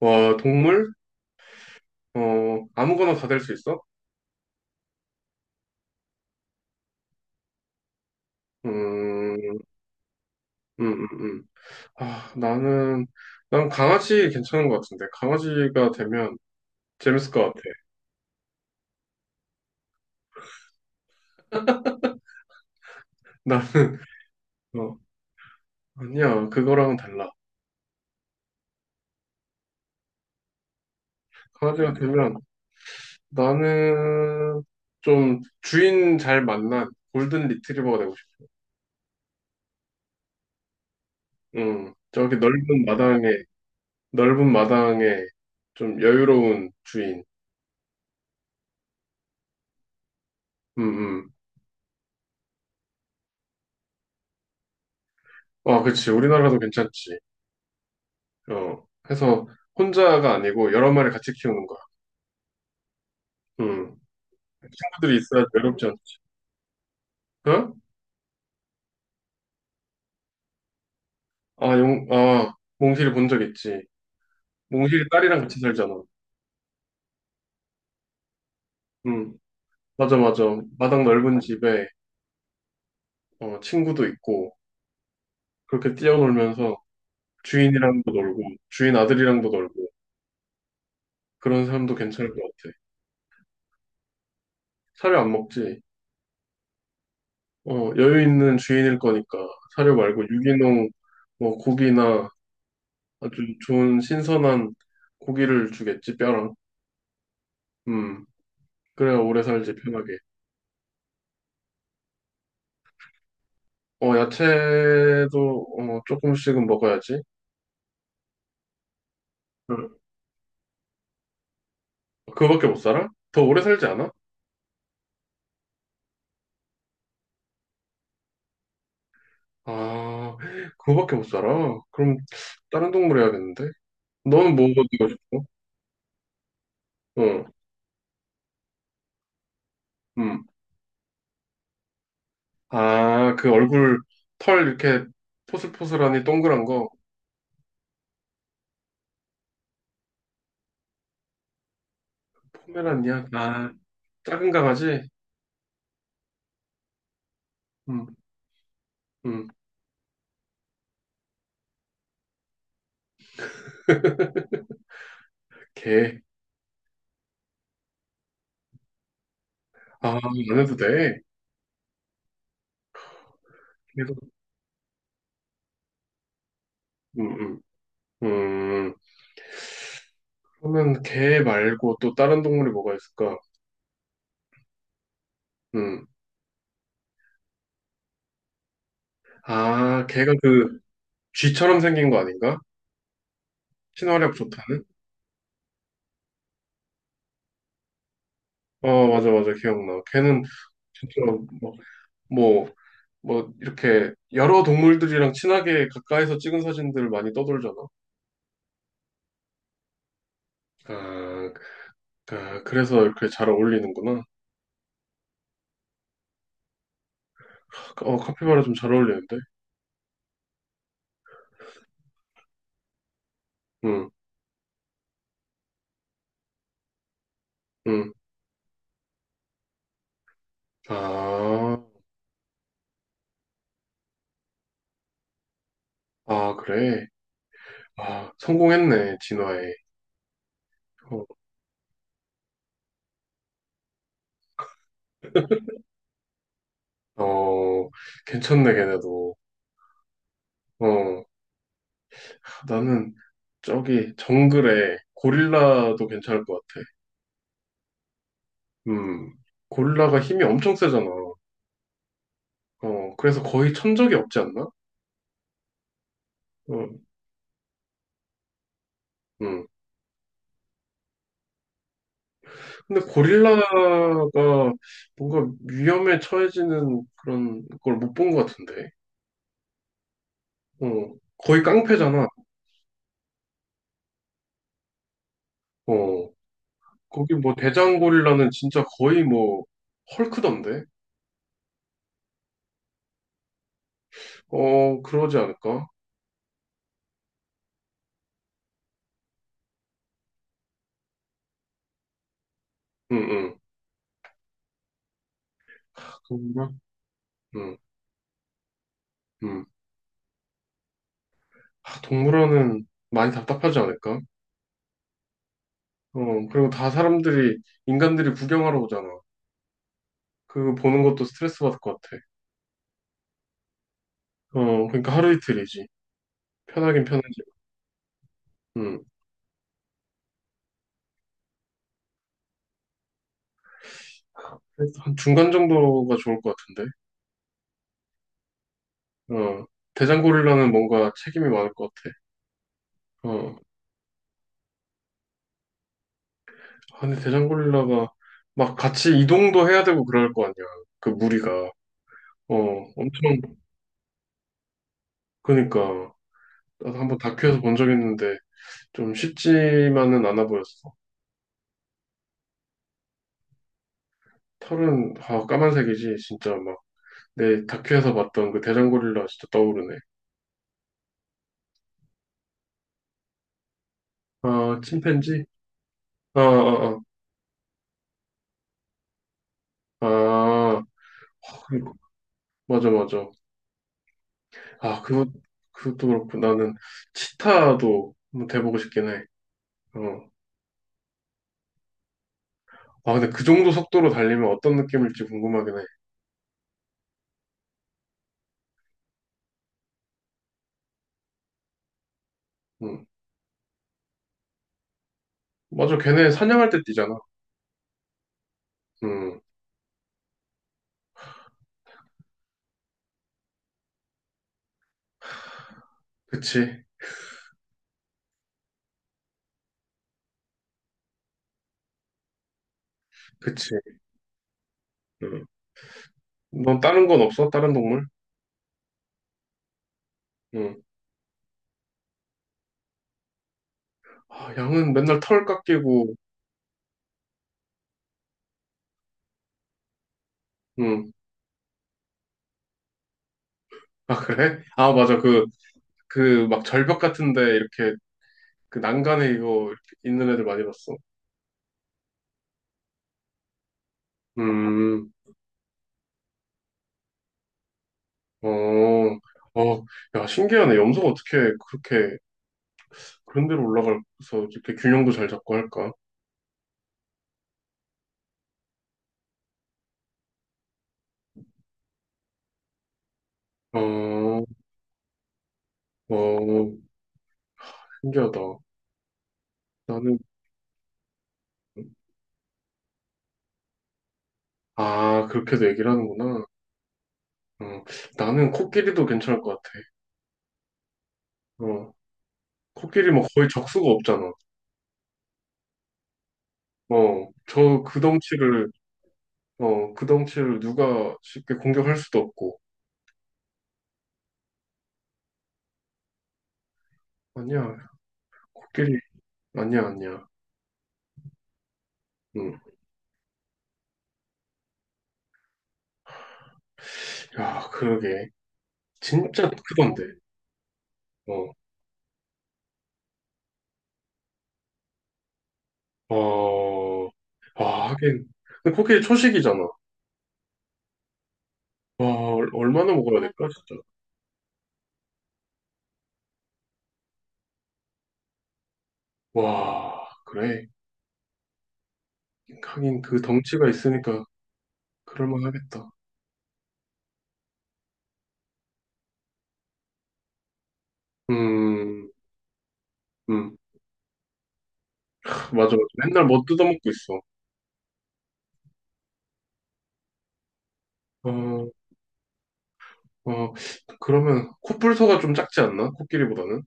와, 동물? 어, 아무거나 다 될 수 있어? 음, 음, 음, 음. 아, 나는, 난 강아지 괜찮은 것 같은데. 강아지가 되면 재밌을 것 같아. 나는, 어, 아니야. 그거랑은 달라. 강아지가 되면 나는 좀 주인 잘 만난 골든 리트리버가 되고 싶어. 저기 넓은 넓은 마당에 좀 여유로운 주인. 음, 음. 아, 그치. 우리나라도 괜찮지. 어, 해서 혼자가 아니고 여러 마리 같이 키우는 거야. 음. 친구들이 있어야 외롭지 않지. 어? 아, 용, 아, 몽실이 본 적 있지. 몽실이 딸이랑 같이 살잖아. 음, 맞아, 맞아. 마당 넓은 집에 어, 친구도 있고 그렇게 뛰어놀면서 주인이랑도 놀고 주인 아들이랑도 놀고 그런 사람도 괜찮을 것 같아. 사료 안 먹지. 어, 여유 있는 주인일 거니까 사료 말고 유기농 뭐 고기나 아주 좋은 신선한 고기를 주겠지, 뼈랑. 음, 그래야 오래 살지, 편하게. 어, 야채도, 어, 조금씩은 먹어야지. 응. 그거밖에 못 살아? 더 오래 살지 않아? 아, 그거밖에 못 살아? 그럼, 다른 동물 해야겠는데? 너는 뭐 먹고 싶어? 어, 음. 아, 그 얼굴, 털 이렇게 포슬포슬하니 동그란 거. 포메란이야? 아, 작은 강아지? 음, 음, 개. 아, 안 해도 돼. 개도, 음, 음. 음, 그러면 개 말고 또 다른 동물이 뭐가 있을까? 음. 아, 걔가 그 쥐처럼 생긴 거 아닌가? 친화력 좋다는? 어, 맞아, 맞아, 기억나. 걔는 진짜 뭐, 뭐 이렇게 여러 동물들이랑 친하게 가까이서 찍은 사진들 많이 떠돌잖아. 아, 그- 아, 그래서 이렇게 잘 어울리는구나. 어, 카피바라 좀 잘 어울리는데? 응, 응. 아, 그래. 아, 성공했네, 진화에. 어, 어, 괜찮네, 걔네도. 어. 나는 저기 정글에 고릴라도 괜찮을 것 같아. 음, 고릴라가 힘이 엄청 세잖아. 어, 그래서 거의 천적이 없지 않나? 어, 음. 근데 고릴라가 뭔가 위험에 처해지는 그런 걸 못 본 것 같은데. 어, 거의 깡패잖아. 어, 거기 뭐 대장 고릴라는 진짜 거의 뭐 헐크던데? 어, 그러지 않을까? 응, 응. 동물원? 응, 응. 아, 동물원은 많이 답답하지 않을까? 어, 그리고 다 사람들이, 인간들이 구경하러 오잖아. 그거 보는 것도 스트레스 받을 것 같아. 어, 그러니까 하루 이틀이지. 편하긴 편하지. 음. 그래서 한 중간 정도가 좋을 것 같은데. 어, 대장고릴라는 뭔가 책임이 많을 것 같아. 어, 아, 근데 대장고릴라가 막 같이 이동도 해야 되고 그럴 거 아니야. 그 무리가. 어, 엄청, 그니까. 나도 한번 다큐에서 본 적 있는데 좀 쉽지만은 않아 보였어. 털은, 아, 까만색이지. 진짜 막. 네, 다큐에서 봤던 그 대장고릴라 진짜 떠오르네. 아, 침팬지? 아, 아, 아, 그리고- 맞아, 맞아. 아, 그것, 그것도 그렇고 나는 치타도 한번 돼보고 싶긴 해. 어. 아, 근데 그 정도 속도로 달리면 어떤 느낌일지 궁금하긴 해. 음. 맞아, 걔네 사냥할 때 뛰잖아. 음, 그치, 그치. 음. 넌 다른 건 없어? 다른 동물? 음. 아, 양은 맨날 털 깎이고, 음. 아, 그래? 아, 맞아. 그 막 절벽 같은데 이렇게 그 난간에 이거 있는 애들 많이 봤어. 음, 어, 어, 야, 신기하네. 염소가 어떻게 그렇게 그런 데로 올라가서 이렇게 균형도 잘 잡고 할까? 어, 어, 신기하다. 나는, 아, 그렇게도 얘기를 하는구나. 어, 나는 코끼리도 괜찮을 것 같아. 어, 코끼리 뭐 거의 적수가 없잖아. 어, 저 그 덩치를, 어, 그 덩치를 누가 쉽게 공격할 수도 없고. 아니야, 코끼리, 아니야. 음. 야, 그러게. 진짜 크던데. 어. 어. 아, 하긴. 근데 그게 초식이잖아. 와, 얼- 얼마나 먹어야 될까, 진짜. 와, 그래. 하긴 그 덩치가 있으니까 그럴만 하겠다. 음, 음. 맞아, 맞아. 맨날 뭐 뜯어먹고 있어. 어, 어. 그러면 코뿔소가 좀 작지 않나? 코끼리보다는?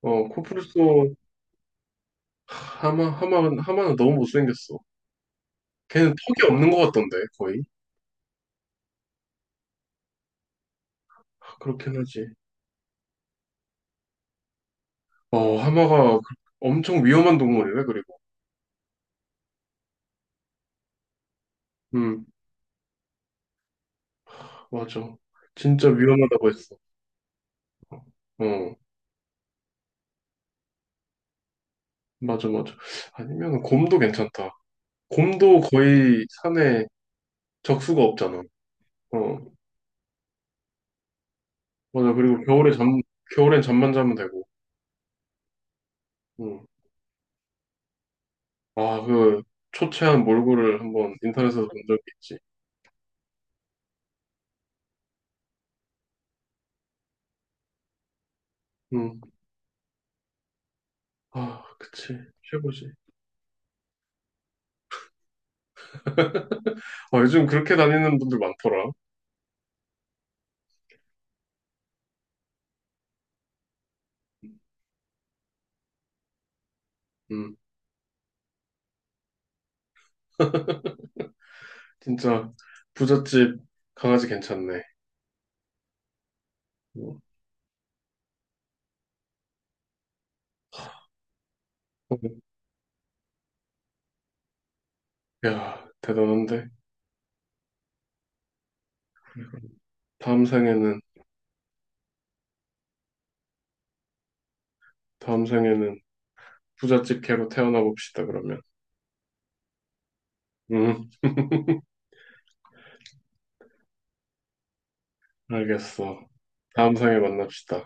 어, 코뿔소 하마, 하마는 너무 못생겼어. 걔는 턱이 없는 것 같던데, 거의. 아, 그렇긴 하지. 어, 하마가 엄청 위험한 동물이래, 그리고. 음, 맞아. 진짜 위험하다고 했어. 어, 맞아, 맞아. 아니면 곰도 괜찮다. 곰도 거의 산에 적수가 없잖아. 어, 맞아. 그리고 겨울엔 잠만 자면 되고. 음. 아, 그 초췌한 몰골을 한번 인터넷에서 본 적이 있지. 음. 아, 그치. 최고지. 아, 요즘 그렇게 다니는 분들 많더라. 음. 진짜 부잣집 강아지 괜찮네. 음. 야, 대단한데? 다음 생에는, 다음 생에는 부잣집 개로 태어나 봅시다, 그러면. 응, 알겠어. 다음 상에 만납시다.